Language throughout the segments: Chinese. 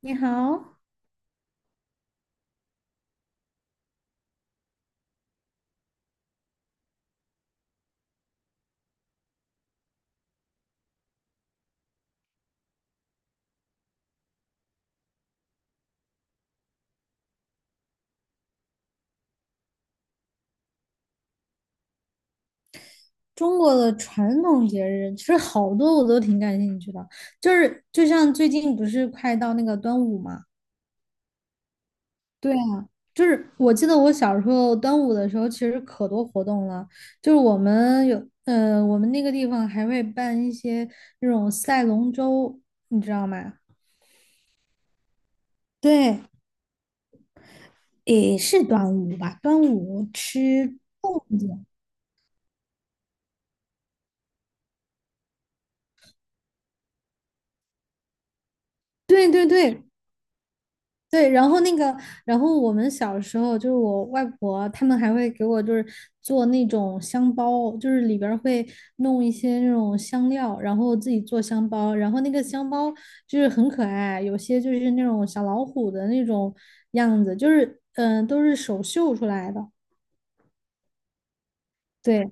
你好。中国的传统节日其实好多我都挺感兴趣的，就是就像最近不是快到那个端午嘛。对啊，就是我记得我小时候端午的时候，其实可多活动了，就是我们有，我们那个地方还会办一些那种赛龙舟，你知道吗？对，也是端午吧，端午吃粽子。对对对。对，然后那个，然后我们小时候就是我外婆他们还会给我就是做那种香包，就是里边儿会弄一些那种香料，然后自己做香包，然后那个香包就是很可爱，有些就是那种小老虎的那种样子，就是都是手绣出来的。对。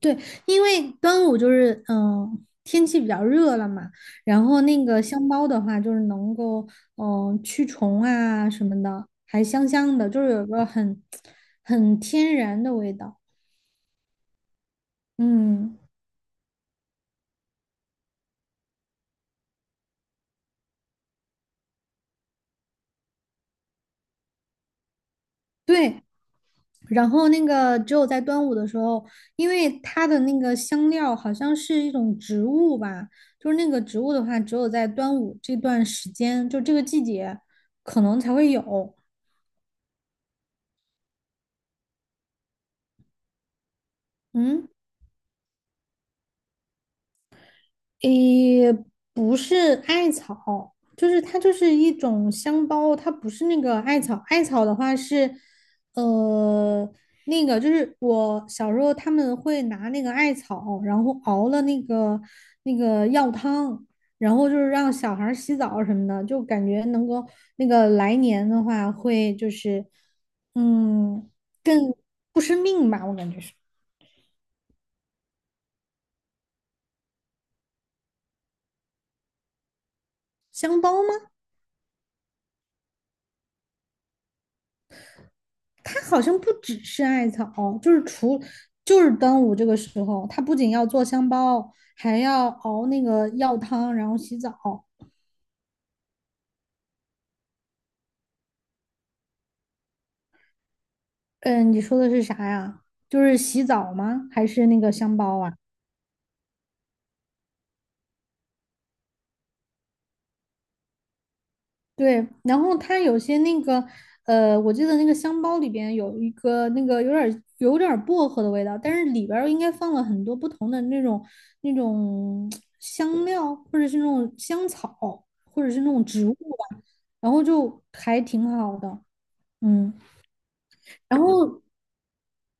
对，因为端午就是天气比较热了嘛，然后那个香包的话就是能够驱虫啊什么的，还香香的，就是有个很天然的味道。嗯。对。然后那个只有在端午的时候，因为它的那个香料好像是一种植物吧，就是那个植物的话，只有在端午这段时间，就这个季节可能才会有。嗯。诶，不是艾草，就是它就是一种香包，它不是那个艾草。艾草的话是，呃，那个就是我小时候他们会拿那个艾草，然后熬了那个药汤，然后就是让小孩儿洗澡什么的，就感觉能够那个来年的话会就是，嗯，更不生病吧，我感觉是。香包吗？它好像不只是艾草，就是除就是端午这个时候，它不仅要做香包，还要熬那个药汤，然后洗澡。嗯，你说的是啥呀？就是洗澡吗？还是那个香包啊？对，然后它有些那个，我记得那个香包里边有一个那个有点儿薄荷的味道，但是里边儿应该放了很多不同的那种那种香料，或者是那种香草，或者是那种植物吧，然后就还挺好的。嗯。然后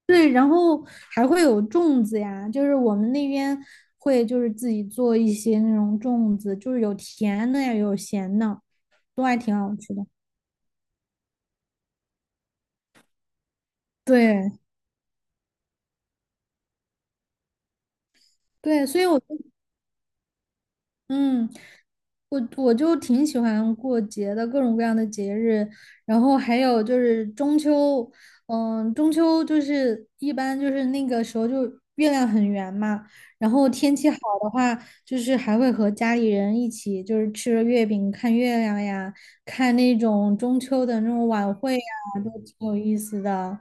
对，然后还会有粽子呀，就是我们那边会就是自己做一些那种粽子，就是有甜的呀，有咸的，都还挺好吃的。对。对，所以我就嗯，我就挺喜欢过节的，各种各样的节日，然后还有就是中秋。嗯，中秋就是一般就是那个时候就月亮很圆嘛，然后天气好的话，就是还会和家里人一起就是吃着月饼看月亮呀，看那种中秋的那种晚会呀，挺有意思的。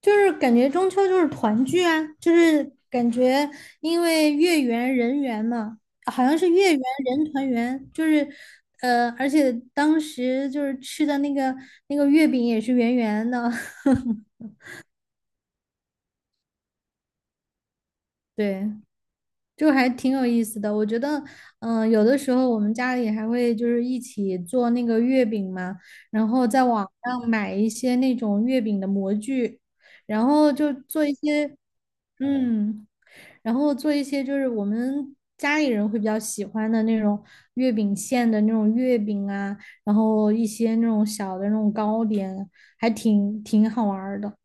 就是感觉中秋就是团聚啊，就是感觉因为月圆人圆嘛，好像是月圆人团圆，就是而且当时就是吃的那个月饼也是圆圆的。对，就还挺有意思的。我觉得，有的时候我们家里还会就是一起做那个月饼嘛，然后在网上买一些那种月饼的模具，然后就做一些。嗯。然后做一些就是我们家里人会比较喜欢的那种月饼馅的那种月饼啊，然后一些那种小的那种糕点，还挺好玩儿的。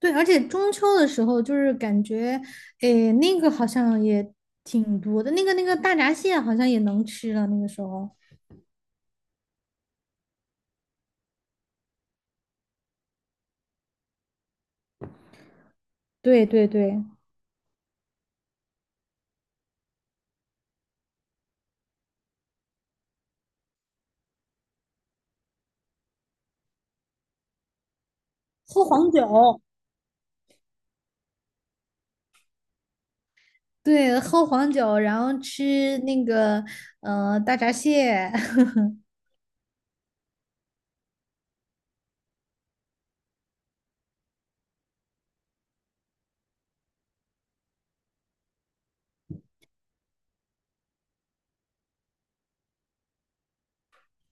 对，而且中秋的时候就是感觉，诶，那个好像也挺多的，那个大闸蟹好像也能吃了，那个时候。对对对。喝黄酒。对，喝黄酒，然后吃那个大闸蟹。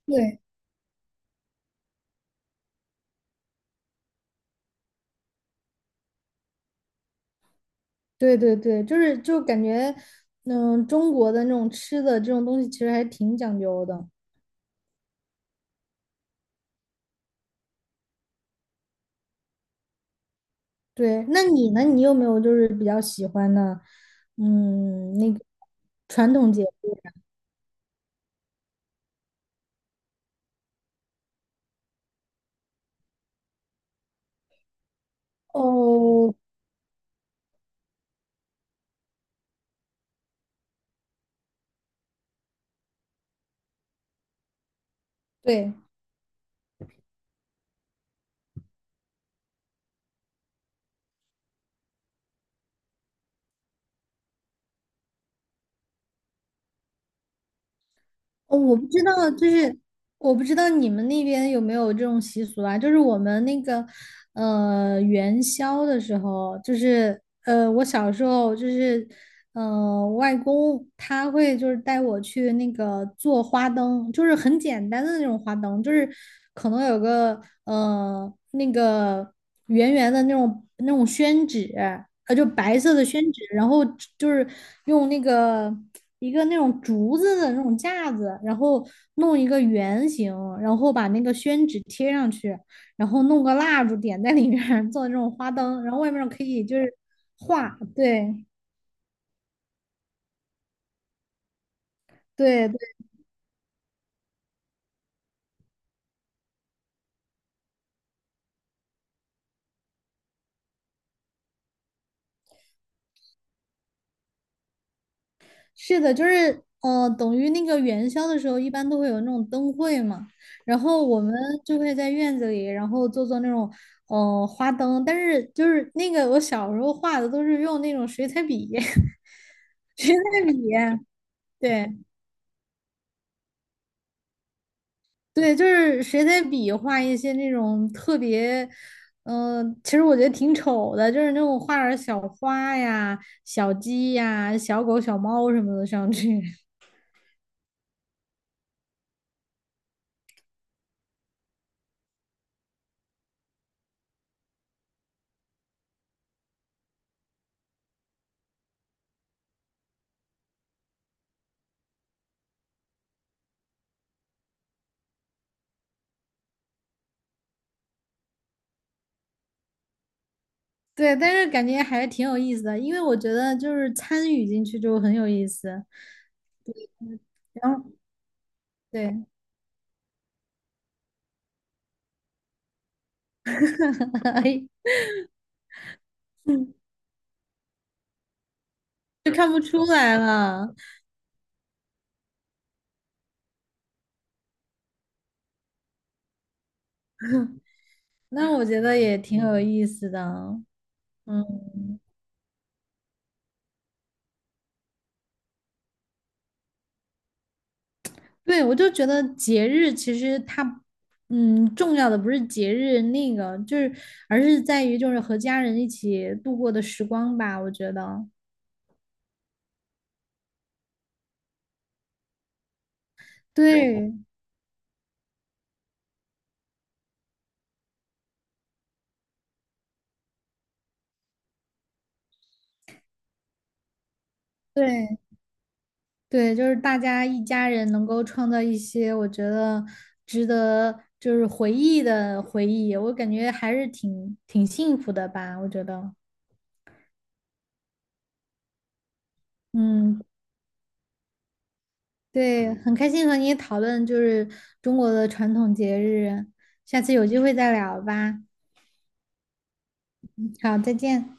对。对对对，就是就感觉，嗯，中国的那种吃的这种东西其实还挺讲究的。对，那你呢？你有没有就是比较喜欢的，嗯，那个传统节日呀。哦，对。哦，我不知道，就是我不知道你们那边有没有这种习俗啊？就是我们那个元宵的时候，就是我小时候就是外公他会就是带我去那个做花灯，就是很简单的那种花灯，就是可能有个那个圆圆的那种那种宣纸，就白色的宣纸，然后就是用那个。一个那种竹子的那种架子，然后弄一个圆形，然后把那个宣纸贴上去，然后弄个蜡烛点在里面做那种花灯，然后外面可以就是画。对对对。是的，就是等于那个元宵的时候，一般都会有那种灯会嘛，然后我们就会在院子里，然后做做那种花灯，但是就是那个我小时候画的都是用那种水彩笔。水彩笔。对。对，就是谁在比画一些那种特别，其实我觉得挺丑的，就是那种画点儿小花呀、小鸡呀、小狗、小猫什么的上去。对，但是感觉还是挺有意思的，因为我觉得就是参与进去就很有意思。然后对。哎，就看不出来了。那我觉得也挺有意思的。嗯。对，我就觉得节日其实它，嗯，重要的不是节日那个，就是而是在于就是和家人一起度过的时光吧。我觉得对。对对对，就是大家一家人能够创造一些我觉得值得就是回忆的回忆，我感觉还是挺幸福的吧。我觉得嗯。对，嗯，很开心和你讨论就是中国的传统节日，下次有机会再聊吧。好，再见。